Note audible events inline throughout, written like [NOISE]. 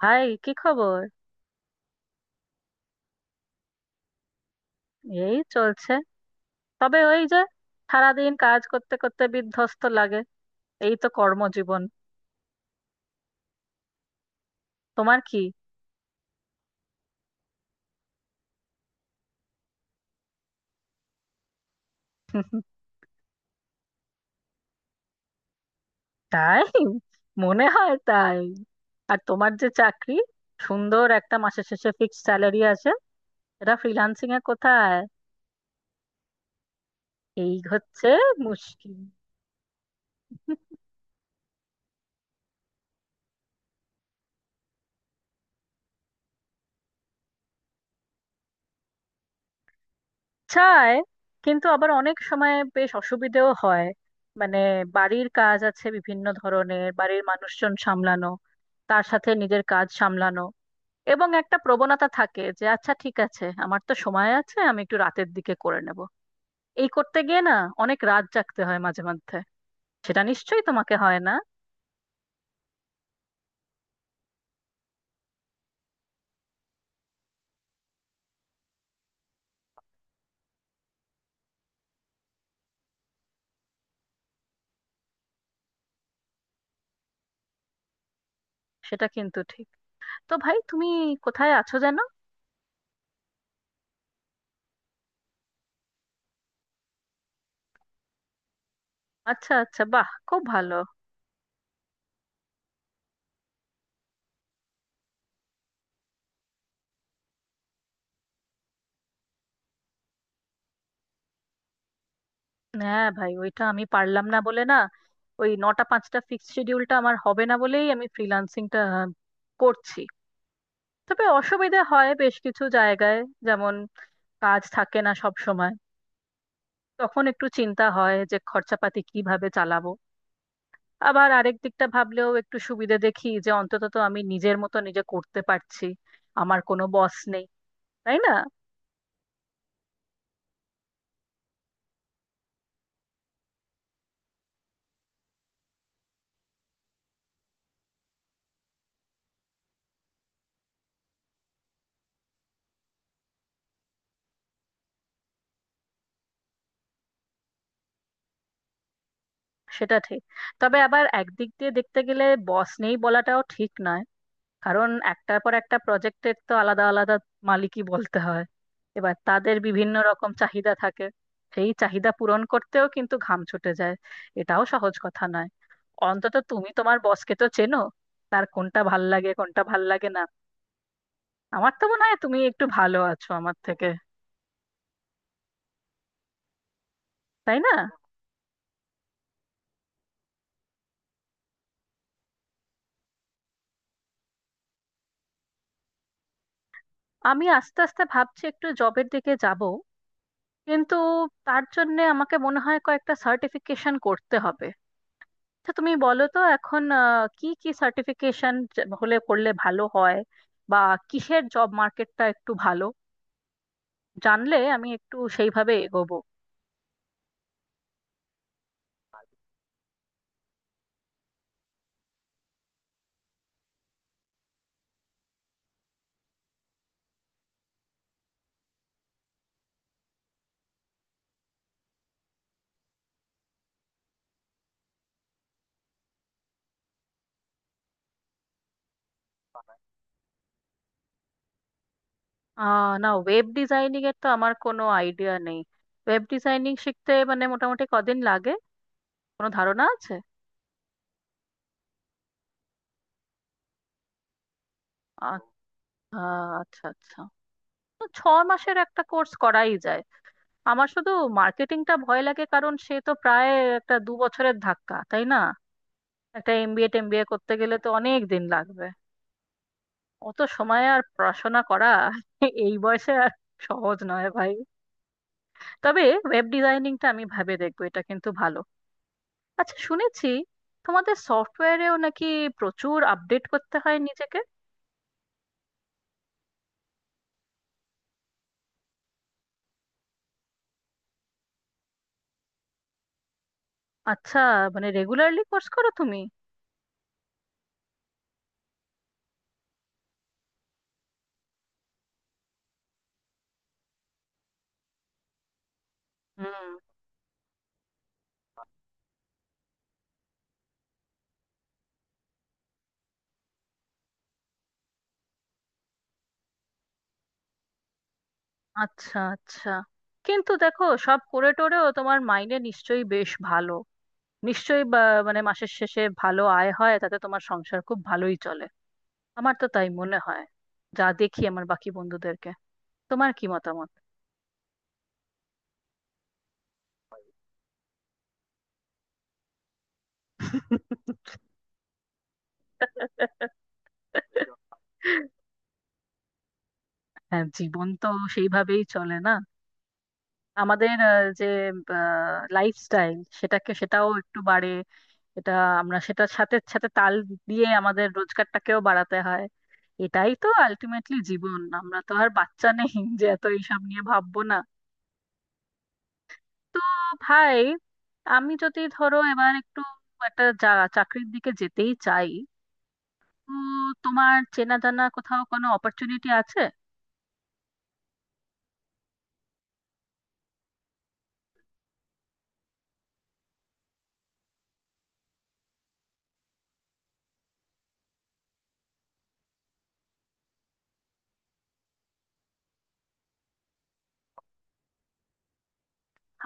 ভাই কি খবর? এই চলছে, তবে ওই যে সারাদিন কাজ করতে করতে বিধ্বস্ত লাগে। এই তো কর্মজীবন। তোমার কি? [LAUGHS] তাই? মনে হয় তাই। আর তোমার যে চাকরি, সুন্দর একটা মাসের শেষে ফিক্সড স্যালারি আসে, এটা ফ্রিল্যান্সিং এ কোথায়? এই হচ্ছে মুশকিল। চায়, কিন্তু আবার অনেক সময় বেশ অসুবিধেও হয়। মানে, বাড়ির কাজ আছে, বিভিন্ন ধরনের বাড়ির মানুষজন সামলানো, তার সাথে নিজের কাজ সামলানো, এবং একটা প্রবণতা থাকে যে আচ্ছা ঠিক আছে আমার তো সময় আছে আমি একটু রাতের দিকে করে নেব। এই করতে গিয়ে না অনেক রাত জাগতে হয় মাঝে মধ্যে। সেটা নিশ্চয়ই তোমাকে হয় না। সেটা কিন্তু ঠিক। তো ভাই তুমি কোথায় আছো যেন? আচ্ছা আচ্ছা, বাহ, খুব ভালো। হ্যাঁ ভাই, ওইটা আমি পারলাম না বলে না, ওই নটা পাঁচটা ফিক্সড শিডিউলটা আমার হবে না বলেই আমি ফ্রিল্যান্সিংটা করছি। তবে অসুবিধা হয় বেশ কিছু জায়গায়। যেমন কাজ থাকে না সব সময়, তখন একটু চিন্তা হয় যে খরচাপাতি কিভাবে চালাবো। আবার আরেক দিকটা ভাবলেও একটু সুবিধে দেখি যে অন্তত তো আমি নিজের মতো নিজে করতে পারছি, আমার কোনো বস নেই, তাই না? সেটা ঠিক, তবে আবার একদিক দিয়ে দেখতে গেলে বস নেই বলাটাও ঠিক নয়। কারণ একটার পর একটা প্রজেক্টের তো আলাদা আলাদা মালিকই বলতে হয়। এবার তাদের বিভিন্ন রকম চাহিদা থাকে, সেই চাহিদা পূরণ করতেও কিন্তু ঘাম ছুটে যায়। এটাও সহজ কথা নয়। অন্তত তুমি তোমার বসকে তো চেনো, তার কোনটা ভাল লাগে কোনটা ভাল লাগে না। আমার তো মনে হয় তুমি একটু ভালো আছো আমার থেকে, তাই না? আমি আস্তে আস্তে ভাবছি একটু জবের দিকে যাব, কিন্তু তার জন্য আমাকে মনে হয় কয়েকটা সার্টিফিকেশন করতে হবে। আচ্ছা তুমি বলো তো এখন কি কি সার্টিফিকেশন হলে করলে ভালো হয়, বা কিসের জব মার্কেটটা একটু ভালো, জানলে আমি একটু সেইভাবে এগোবো। আহ না, ওয়েব ডিজাইনিং এর তো আমার কোনো আইডিয়া নেই। ওয়েব ডিজাইনিং শিখতে মানে মোটামুটি কদিন লাগে, কোনো ধারণা আছে? আ- আ- আচ্ছা আচ্ছা, তো ছ মাসের একটা কোর্স করাই যায়। আমার শুধু মার্কেটিংটা ভয় লাগে, কারণ সে তো প্রায় একটা দু বছরের ধাক্কা, তাই না? একটা এমবিএ টেমবিএ করতে গেলে তো অনেক দিন লাগবে। অত সময় আর পড়াশোনা করা এই বয়সে আর সহজ নয় ভাই। তবে ওয়েব ডিজাইনিংটা আমি ভাবে দেখবো, এটা কিন্তু ভালো। আচ্ছা, শুনেছি তোমাদের সফটওয়্যারেও নাকি প্রচুর আপডেট করতে হয় নিজেকে। আচ্ছা, মানে রেগুলারলি কোর্স করো তুমি? হুম। আচ্ছা আচ্ছা, কিন্তু দেখো সব করে টোরেও তোমার মাইনে নিশ্চয়ই বেশ ভালো। নিশ্চয়ই মানে মাসের শেষে ভালো আয় হয়, তাতে তোমার সংসার খুব ভালোই চলে, আমার তো তাই মনে হয়, যা দেখি আমার বাকি বন্ধুদেরকে। তোমার কি মতামত? হ্যাঁ, জীবন তো সেইভাবেই চলে না। আমাদের যে লাইফস্টাইল, সেটাকে সেটাও একটু বাড়ে, এটা। আমরা সেটার সাথে সাথে তাল দিয়ে আমাদের রোজগারটাকেও বাড়াতে হয়। এটাই তো আলটিমেটলি জীবন, আমরা তো আর বাচ্চা নেই [LAUGHS] যে এত এইসব নিয়ে ভাববো না। তো ভাই, আমি যদি ধরো এবার একটু একটা চাকরির দিকে যেতেই চাই, তো তোমার চেনা জানা কোথাও কোনো অপরচুনিটি আছে?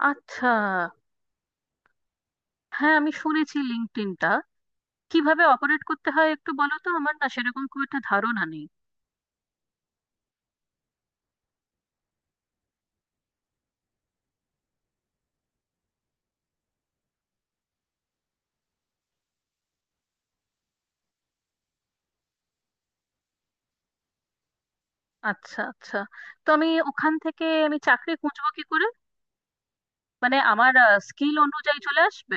আচ্ছা। হ্যাঁ আমি শুনেছি লিঙ্কডইনটা কিভাবে অপারেট করতে হয় একটু বলো তো, আমার না সেরকম খুব একটা ধারণা নেই। আচ্ছা আচ্ছা, তো আমি ওখান থেকে আমি চাকরি খুঁজবো কি করে? মানে আমার স্কিল অনুযায়ী চলে আসবে?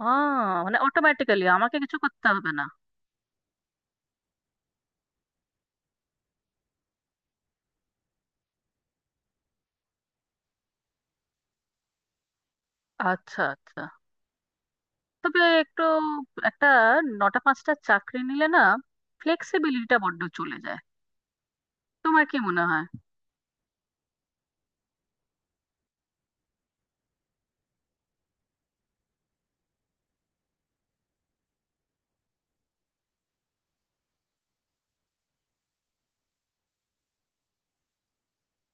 আহ, মানে অটোমেটিক্যালি, আমাকে কিছু করতে হবে না? আচ্ছা আচ্ছা, তবে একটু একটা নটা পাঁচটা চাকরি নিলে না, ফ্লেক্সিবিলিটিটা বড্ড চলে যায়, তোমার কি মনে হয়?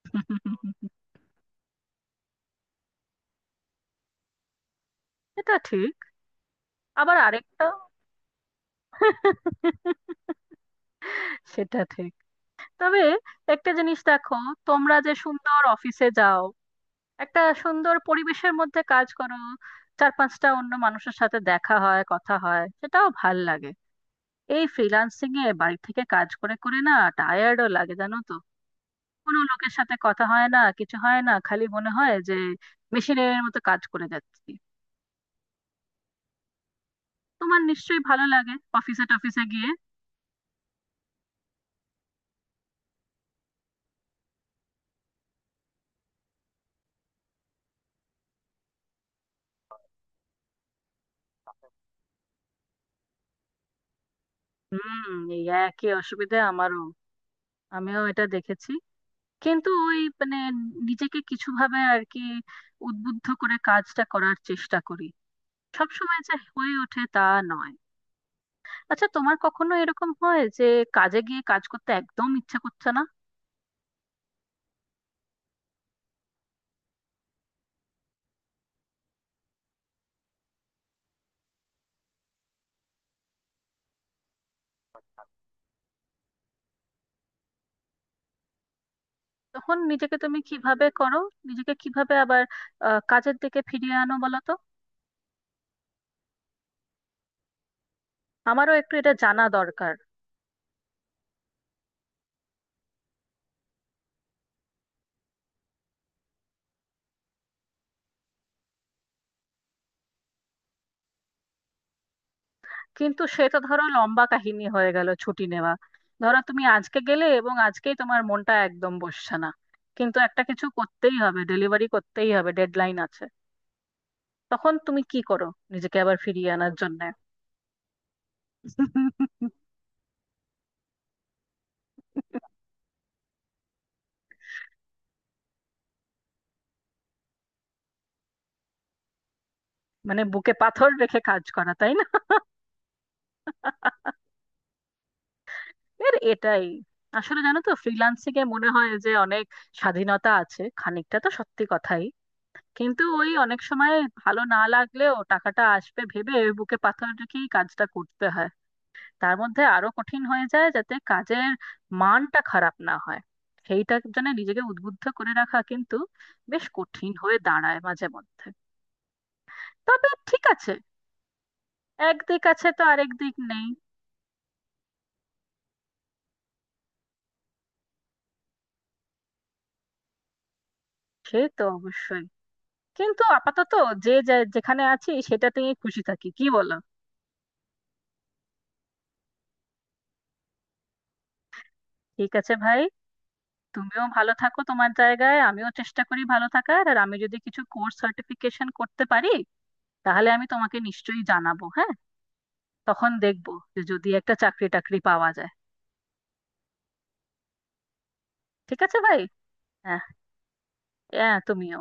[LAUGHS] এটা ঠিক। আবার আরেকটা। [LAUGHS] সেটা ঠিক। তবে একটা জিনিস দেখো, তোমরা যে সুন্দর অফিসে যাও, একটা সুন্দর পরিবেশের মধ্যে কাজ করো, চার পাঁচটা অন্য মানুষের সাথে দেখা হয়, কথা হয়, সেটাও ভাল লাগে। এই ফ্রিল্যান্সিং এ বাড়ি থেকে কাজ করে করে না টায়ার্ডও লাগে, জানো তো, কোনো লোকের সাথে কথা হয় না, কিছু হয় না, খালি মনে হয় যে মেশিনের মতো কাজ করে যাচ্ছি। তোমার নিশ্চয়ই ভালো লাগে অফিসে টফিসে গিয়ে। হুম, এই একই অসুবিধা আমারও, আমিও এটা দেখেছি। কিন্তু ওই মানে নিজেকে কিছু ভাবে আর কি উদ্বুদ্ধ করে কাজটা করার চেষ্টা করি, সব সময় যে হয়ে ওঠে তা নয়। আচ্ছা তোমার কখনো এরকম হয় যে কাজে গিয়ে কাজ করতে একদম ইচ্ছা করছে না? তখন নিজেকে তুমি কিভাবে করো? নিজেকে কিভাবে আবার কাজের দিকে ফিরিয়ে আনো বলো তো, আমারও একটু এটা জানা দরকার। কিন্তু সেটা ধরো লম্বা কাহিনী হয়ে গেল ছুটি নেওয়া। ধরো তুমি আজকে গেলে এবং আজকেই তোমার মনটা একদম বসছে না, কিন্তু একটা কিছু করতেই হবে, ডেলিভারি করতেই হবে, ডেডলাইন আছে, তখন তুমি কি করো নিজেকে আবার ফিরিয়ে আনার জন্য? [LAUGHS] মানে বুকে পাথর রেখে কাজ করা, তাই না? এর এটাই আসলে, জানো তো, ফ্রিল্যান্সিং এ মনে হয় যে অনেক স্বাধীনতা আছে, খানিকটা তো সত্যি কথাই, কিন্তু ওই অনেক সময় ভালো না লাগলেও টাকাটা আসবে ভেবে বুকে পাথর রেখেই কাজটা করতে হয়। তার মধ্যে আরো কঠিন হয়ে যায় যাতে কাজের মানটা খারাপ না হয়, সেইটা জন্য নিজেকে উদ্বুদ্ধ করে রাখা কিন্তু বেশ কঠিন হয়ে দাঁড়ায় মাঝে মধ্যে। তবে ঠিক আছে, এক দিক আছে তো আরেক দিক নেই। সে তো অবশ্যই। কিন্তু আপাতত যে যে- যেখানে আছি সেটাতেই খুশি থাকি, কি বলো? ঠিক আছে ভাই, তুমিও ভালো থাকো তোমার জায়গায়, আমিও চেষ্টা করি ভালো থাকার, আর আমি যদি কিছু কোর্স সার্টিফিকেশন করতে পারি তাহলে আমি তোমাকে নিশ্চয়ই জানাবো, হ্যাঁ, তখন দেখবো যে যদি একটা চাকরি টাকরি পাওয়া যায়। ঠিক আছে ভাই। হ্যাঁ হ্যাঁ তুমিও।